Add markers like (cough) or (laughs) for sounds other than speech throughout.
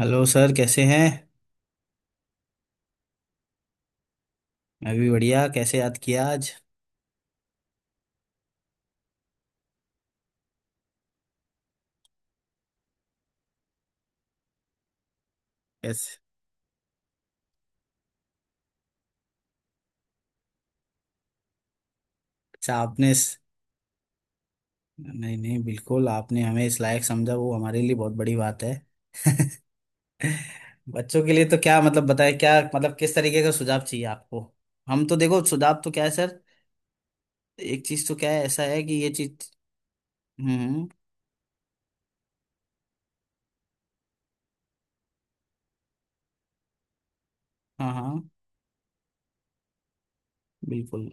Hello sir, कैसे हैं। मैं भी बढ़िया। कैसे याद किया आज। कैसे। अच्छा आपने इस... नहीं नहीं, बिल्कुल, आपने हमें इस लायक समझा वो हमारे लिए बहुत बड़ी बात है। (laughs) बच्चों के लिए तो क्या बताए, क्या किस तरीके का सुझाव चाहिए आपको। हम तो देखो सुझाव तो क्या है सर। एक चीज तो क्या है, ऐसा है कि ये चीज। हम्म। हाँ हाँ। बिल्कुल।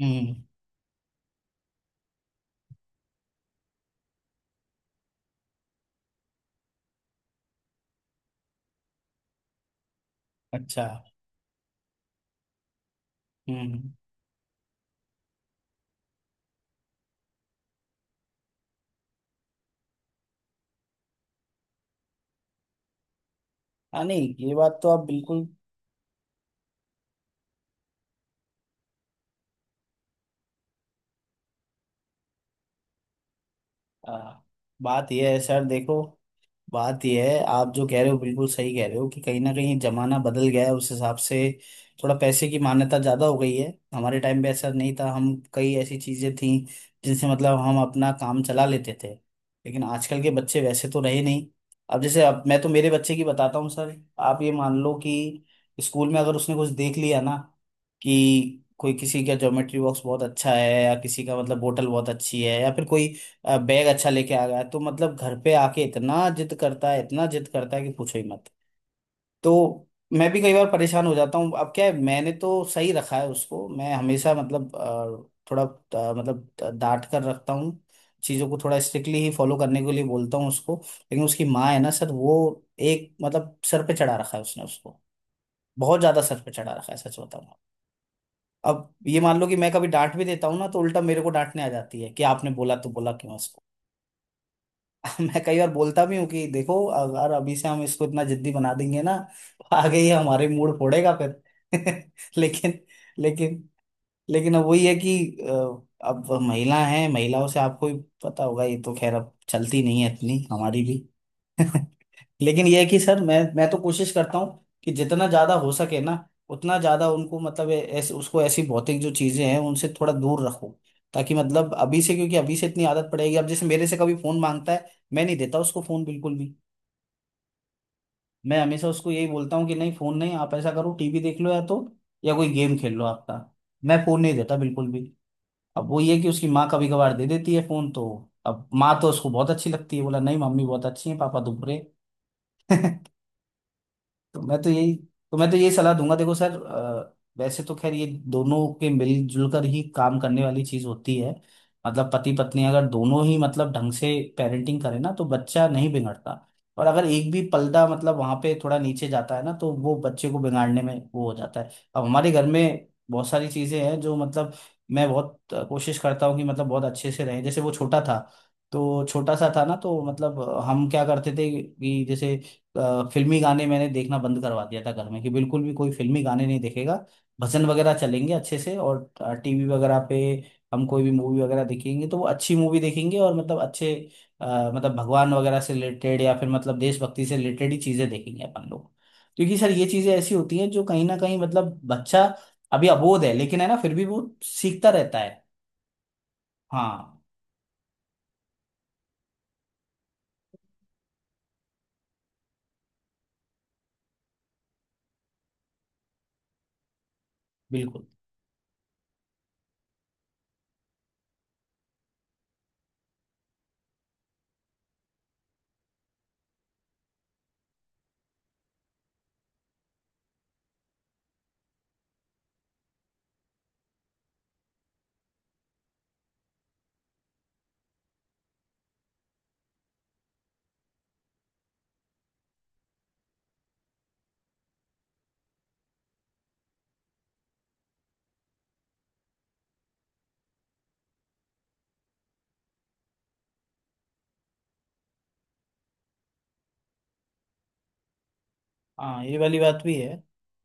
हम्म। अच्छा। हम्म। हाँ नहीं, ये बात तो आप बिल्कुल। आ, बात यह है सर, देखो, बात यह है, आप जो कह रहे हो बिल्कुल सही कह रहे हो कि कहीं ना कहीं जमाना बदल गया है उस हिसाब से। थोड़ा पैसे की मान्यता ज़्यादा हो गई है। हमारे टाइम पे ऐसा नहीं था, हम कई ऐसी चीज़ें थीं जिनसे हम अपना काम चला लेते थे। लेकिन आजकल के बच्चे वैसे तो रहे नहीं। अब जैसे, अब मैं तो मेरे बच्चे की बताता हूँ सर। आप ये मान लो कि स्कूल में अगर उसने कुछ देख लिया ना कि कोई किसी का ज्योमेट्री बॉक्स बहुत अच्छा है, या किसी का बोतल बहुत अच्छी है, या फिर कोई बैग अच्छा लेके आ गया, तो घर पे आके इतना जिद करता है, इतना जिद करता है कि पूछो ही मत। तो मैं भी कई बार परेशान हो जाता हूँ। अब क्या है, मैंने तो सही रखा है उसको, मैं हमेशा थोड़ा डांट कर रखता हूँ। चीज़ों को थोड़ा स्ट्रिक्टली ही फॉलो करने के लिए बोलता हूँ उसको। लेकिन उसकी माँ है ना सर, वो एक सर पे चढ़ा रखा है उसने उसको। बहुत ज्यादा सर पे चढ़ा रखा है, सच बताऊँ। अब ये मान लो कि मैं कभी डांट भी देता हूँ ना, तो उल्टा मेरे को डांटने आ जाती है कि आपने बोला तो बोला क्यों उसको। (laughs) मैं कई बार बोलता भी हूँ कि देखो अगर अभी से हम इसको इतना जिद्दी बना देंगे ना तो आगे ये हमारे मूड फोड़ेगा फिर। (laughs) लेकिन, लेकिन, लेकिन अब वही है कि अब महिला हैं, महिलाओं से आपको भी पता होगा, ये तो खैर अब चलती नहीं है इतनी हमारी भी। (laughs) लेकिन यह है कि सर मैं, तो कोशिश करता हूँ कि जितना ज्यादा हो सके ना उतना ज्यादा उनको ऐसे उसको ऐसी भौतिक जो चीजें हैं उनसे थोड़ा दूर रखूं। ताकि अभी से, क्योंकि अभी से इतनी आदत पड़ेगी। अब जैसे मेरे से कभी फोन मांगता है, मैं नहीं देता उसको फोन, बिल्कुल भी। मैं हमेशा उसको यही बोलता हूँ कि नहीं फोन नहीं, आप ऐसा करो टीवी देख लो, या तो या कोई गेम खेल लो आपका। मैं फोन नहीं देता बिल्कुल भी। अब वो ये है कि उसकी माँ कभी कभार दे देती है फोन तो। अब माँ तो उसको बहुत अच्छी लगती है, बोला नहीं मम्मी बहुत अच्छी है पापा तो बुरे। (laughs) तो मैं तो यही तो मैं तो यही सलाह दूंगा देखो सर, वैसे तो खैर ये दोनों के मिलजुल कर ही काम करने वाली चीज होती है। पति पत्नी अगर दोनों ही ढंग से पेरेंटिंग करे ना तो बच्चा नहीं बिगड़ता। और अगर एक भी पलड़ा वहां पे थोड़ा नीचे जाता है ना तो वो बच्चे को बिगाड़ने में वो हो जाता है। अब हमारे घर में बहुत सारी चीजें हैं जो मैं बहुत कोशिश करता हूँ कि बहुत अच्छे से रहे। जैसे वो छोटा था तो छोटा सा था ना तो हम क्या करते थे कि जैसे फिल्मी गाने मैंने देखना बंद करवा दिया था घर में, कि बिल्कुल भी कोई फिल्मी गाने नहीं देखेगा। भजन वगैरह चलेंगे अच्छे से। और टीवी वगैरह पे हम कोई भी मूवी वगैरह देखेंगे तो वो अच्छी मूवी देखेंगे। और अच्छे भगवान वगैरह से रिलेटेड, या फिर देशभक्ति से रिलेटेड ही चीजें देखेंगे अपन लोग। क्योंकि सर ये चीजें ऐसी होती हैं जो कहीं ना कहीं बच्चा अभी अबोध है लेकिन है ना, फिर भी वो सीखता रहता है। हाँ। बिल्कुल। हाँ ये वाली बात भी है।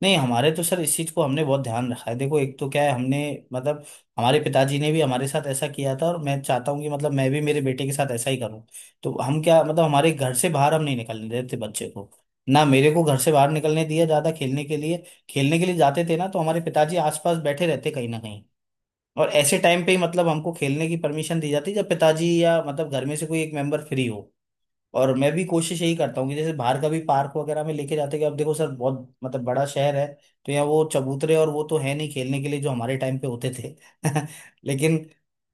नहीं हमारे तो सर इस चीज़ को हमने बहुत ध्यान रखा है। देखो एक तो क्या है, हमने मतलब हमारे पिताजी ने भी हमारे साथ ऐसा किया था और मैं चाहता हूँ कि मैं भी मेरे बेटे के साथ ऐसा ही करूँ। तो हम क्या हमारे घर से बाहर हम नहीं निकलने देते बच्चे को। ना मेरे को घर से बाहर निकलने दिया ज़्यादा खेलने के लिए। खेलने के लिए जाते थे ना तो हमारे पिताजी आसपास बैठे रहते कहीं ना कहीं। और ऐसे टाइम पे ही हमको खेलने की परमिशन दी जाती जब पिताजी या घर में से कोई एक मेंबर फ्री हो। और मैं भी कोशिश यही करता हूँ कि जैसे बाहर का भी पार्क वगैरह में लेके जाते हैं कि अब देखो सर बहुत बड़ा शहर है, तो यहाँ वो चबूतरे और वो तो है नहीं खेलने के लिए जो हमारे टाइम पे होते थे। (laughs) लेकिन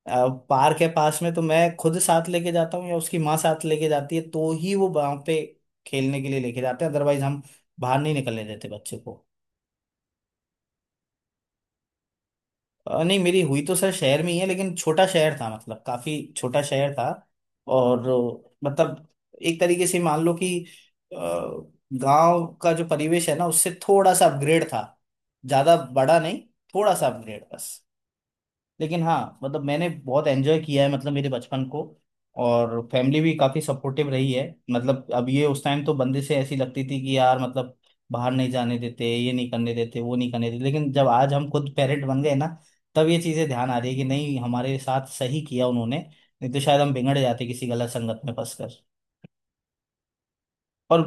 पार्क है पास में तो मैं खुद साथ लेके जाता हूँ या उसकी माँ साथ लेके जाती है तो ही वो वहां पे खेलने के लिए लेके जाते हैं। अदरवाइज हम बाहर नहीं निकलने देते बच्चे को। नहीं मेरी हुई तो सर शहर में ही है, लेकिन छोटा शहर था, काफी छोटा शहर था। और अ, मतलब एक तरीके से मान लो कि गांव का जो परिवेश है ना उससे थोड़ा सा अपग्रेड था। ज्यादा बड़ा नहीं, थोड़ा सा अपग्रेड बस। लेकिन हाँ मैंने बहुत एंजॉय किया है मेरे बचपन को। और फैमिली भी काफ़ी सपोर्टिव रही है। अब ये उस टाइम तो बंदिशें ऐसी लगती थी कि यार बाहर नहीं जाने देते, ये नहीं करने देते, वो नहीं करने देते। लेकिन जब आज हम खुद पेरेंट बन गए ना तब ये चीज़ें ध्यान आ रही है कि नहीं हमारे साथ सही किया उन्होंने। नहीं तो शायद हम बिगड़ जाते किसी गलत संगत में फंसकर। और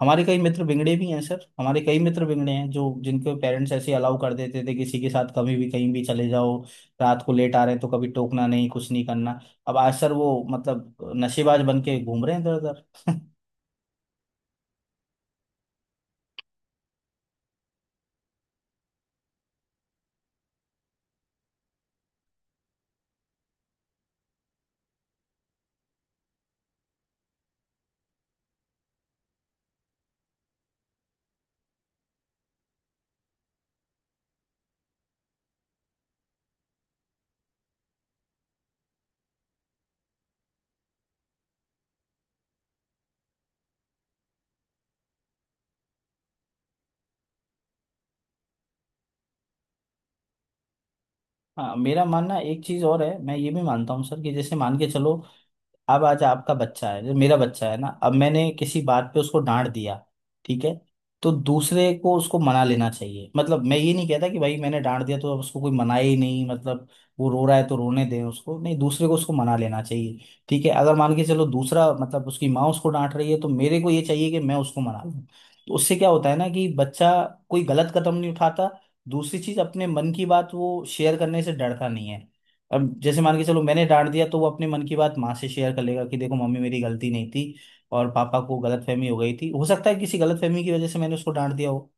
हमारे कई मित्र बिगड़े भी हैं सर, हमारे कई मित्र बिगड़े हैं जो, जिनके पेरेंट्स ऐसे अलाउ कर देते थे किसी के साथ कभी भी कहीं भी चले जाओ। रात को लेट आ रहे हैं तो कभी टोकना नहीं, कुछ नहीं करना। अब आज सर वो नशेबाज बन के घूम रहे हैं इधर उधर। (laughs) हाँ मेरा मानना एक चीज और है, मैं ये भी मानता हूँ सर कि जैसे मान के चलो अब आज आपका बच्चा है जो, मेरा बच्चा है ना, अब मैंने किसी बात पे उसको डांट दिया, ठीक है, तो दूसरे को उसको मना लेना चाहिए। मैं ये नहीं कहता कि भाई मैंने डांट दिया तो अब उसको कोई मनाए ही नहीं। वो रो रहा है तो रोने दें उसको, नहीं, दूसरे को उसको मना लेना चाहिए। ठीक है अगर मान के चलो दूसरा उसकी माँ उसको डांट रही है, तो मेरे को ये चाहिए कि मैं उसको मना लूं। तो उससे क्या होता है ना कि बच्चा कोई गलत कदम नहीं उठाता। दूसरी चीज, अपने मन की बात वो शेयर करने से डरता नहीं है। अब जैसे मान के चलो मैंने डांट दिया तो वो अपने मन की बात माँ से शेयर कर लेगा कि देखो मम्मी मेरी गलती नहीं थी और पापा को गलतफहमी हो गई थी। हो सकता है किसी गलतफहमी की वजह से मैंने उसको डांट दिया हो।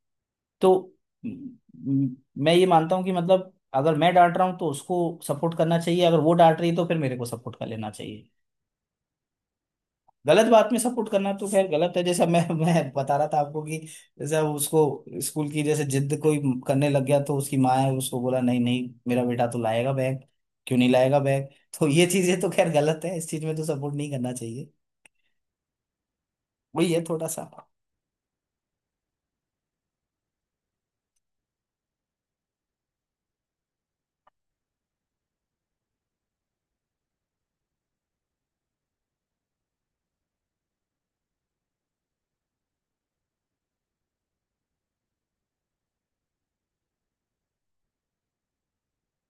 तो म, म, मैं ये मानता हूँ कि अगर मैं डांट रहा हूँ तो उसको सपोर्ट करना चाहिए, अगर वो डांट रही है तो फिर मेरे को सपोर्ट कर लेना चाहिए। गलत बात में सपोर्ट करना तो खैर गलत है, जैसा मैं बता रहा था आपको कि जैसे उसको स्कूल की जैसे जिद कोई करने लग गया तो उसकी माँ है उसको बोला नहीं नहीं मेरा बेटा तो लाएगा बैग, क्यों नहीं लाएगा बैग। (laughs) तो ये चीजें तो खैर गलत है, इस चीज में तो सपोर्ट नहीं करना चाहिए। वही है थोड़ा सा।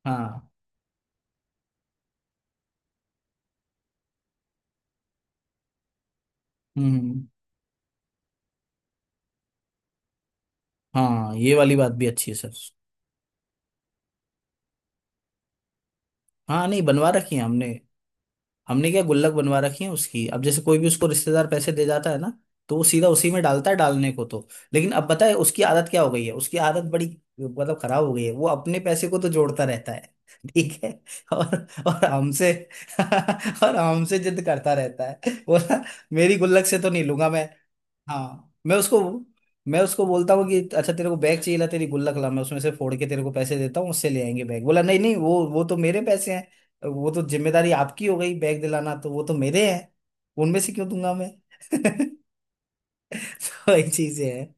हाँ। हम्म। हाँ ये वाली बात भी अच्छी है सर। हाँ नहीं बनवा रखी है हमने। हमने क्या गुल्लक बनवा रखी है उसकी। अब जैसे कोई भी उसको रिश्तेदार पैसे दे जाता है ना तो वो सीधा उसी में डालता है, डालने को तो। लेकिन अब पता है उसकी आदत क्या हो गई है, उसकी आदत बड़ी खराब हो गई है। वो अपने पैसे को तो जोड़ता रहता है, ठीक है, और और हमसे (laughs) और हमसे जिद करता रहता है बोला मेरी गुल्लक से तो नहीं लूंगा मैं। हाँ मैं उसको बोलता हूँ कि अच्छा तेरे को बैग चाहिए, ला तेरी गुल्लक ला, मैं उसमें से फोड़ के तेरे को पैसे देता हूँ, उससे ले आएंगे बैग। बोला नहीं नहीं, वो तो मेरे पैसे हैं, वो तो जिम्मेदारी आपकी हो गई बैग दिलाना, तो वो तो मेरे हैं, उनमें से क्यों दूंगा मैं। (laughs) वही चीजें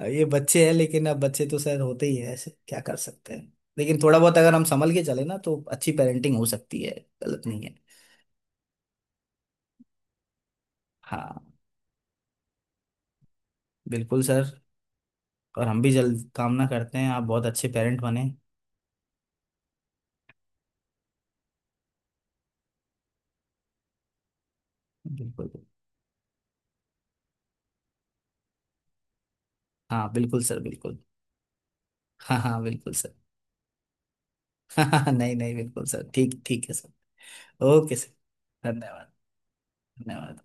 हैं, ये बच्चे हैं। लेकिन अब बच्चे तो सर होते ही है ऐसे, क्या कर सकते हैं। लेकिन थोड़ा बहुत अगर हम संभल के चले ना तो अच्छी पेरेंटिंग हो सकती है, गलत नहीं है। हाँ। बिल्कुल सर। और हम भी जल्द कामना करते हैं आप बहुत अच्छे पेरेंट बने। बिल्कुल। हाँ बिल्कुल सर, बिल्कुल। हाँ हाँ बिल्कुल सर। (laughs) हाँ हाँ, नहीं नहीं बिल्कुल सर, ठीक ठीक है सर। Okay sir. धन्यवाद। धन्यवाद।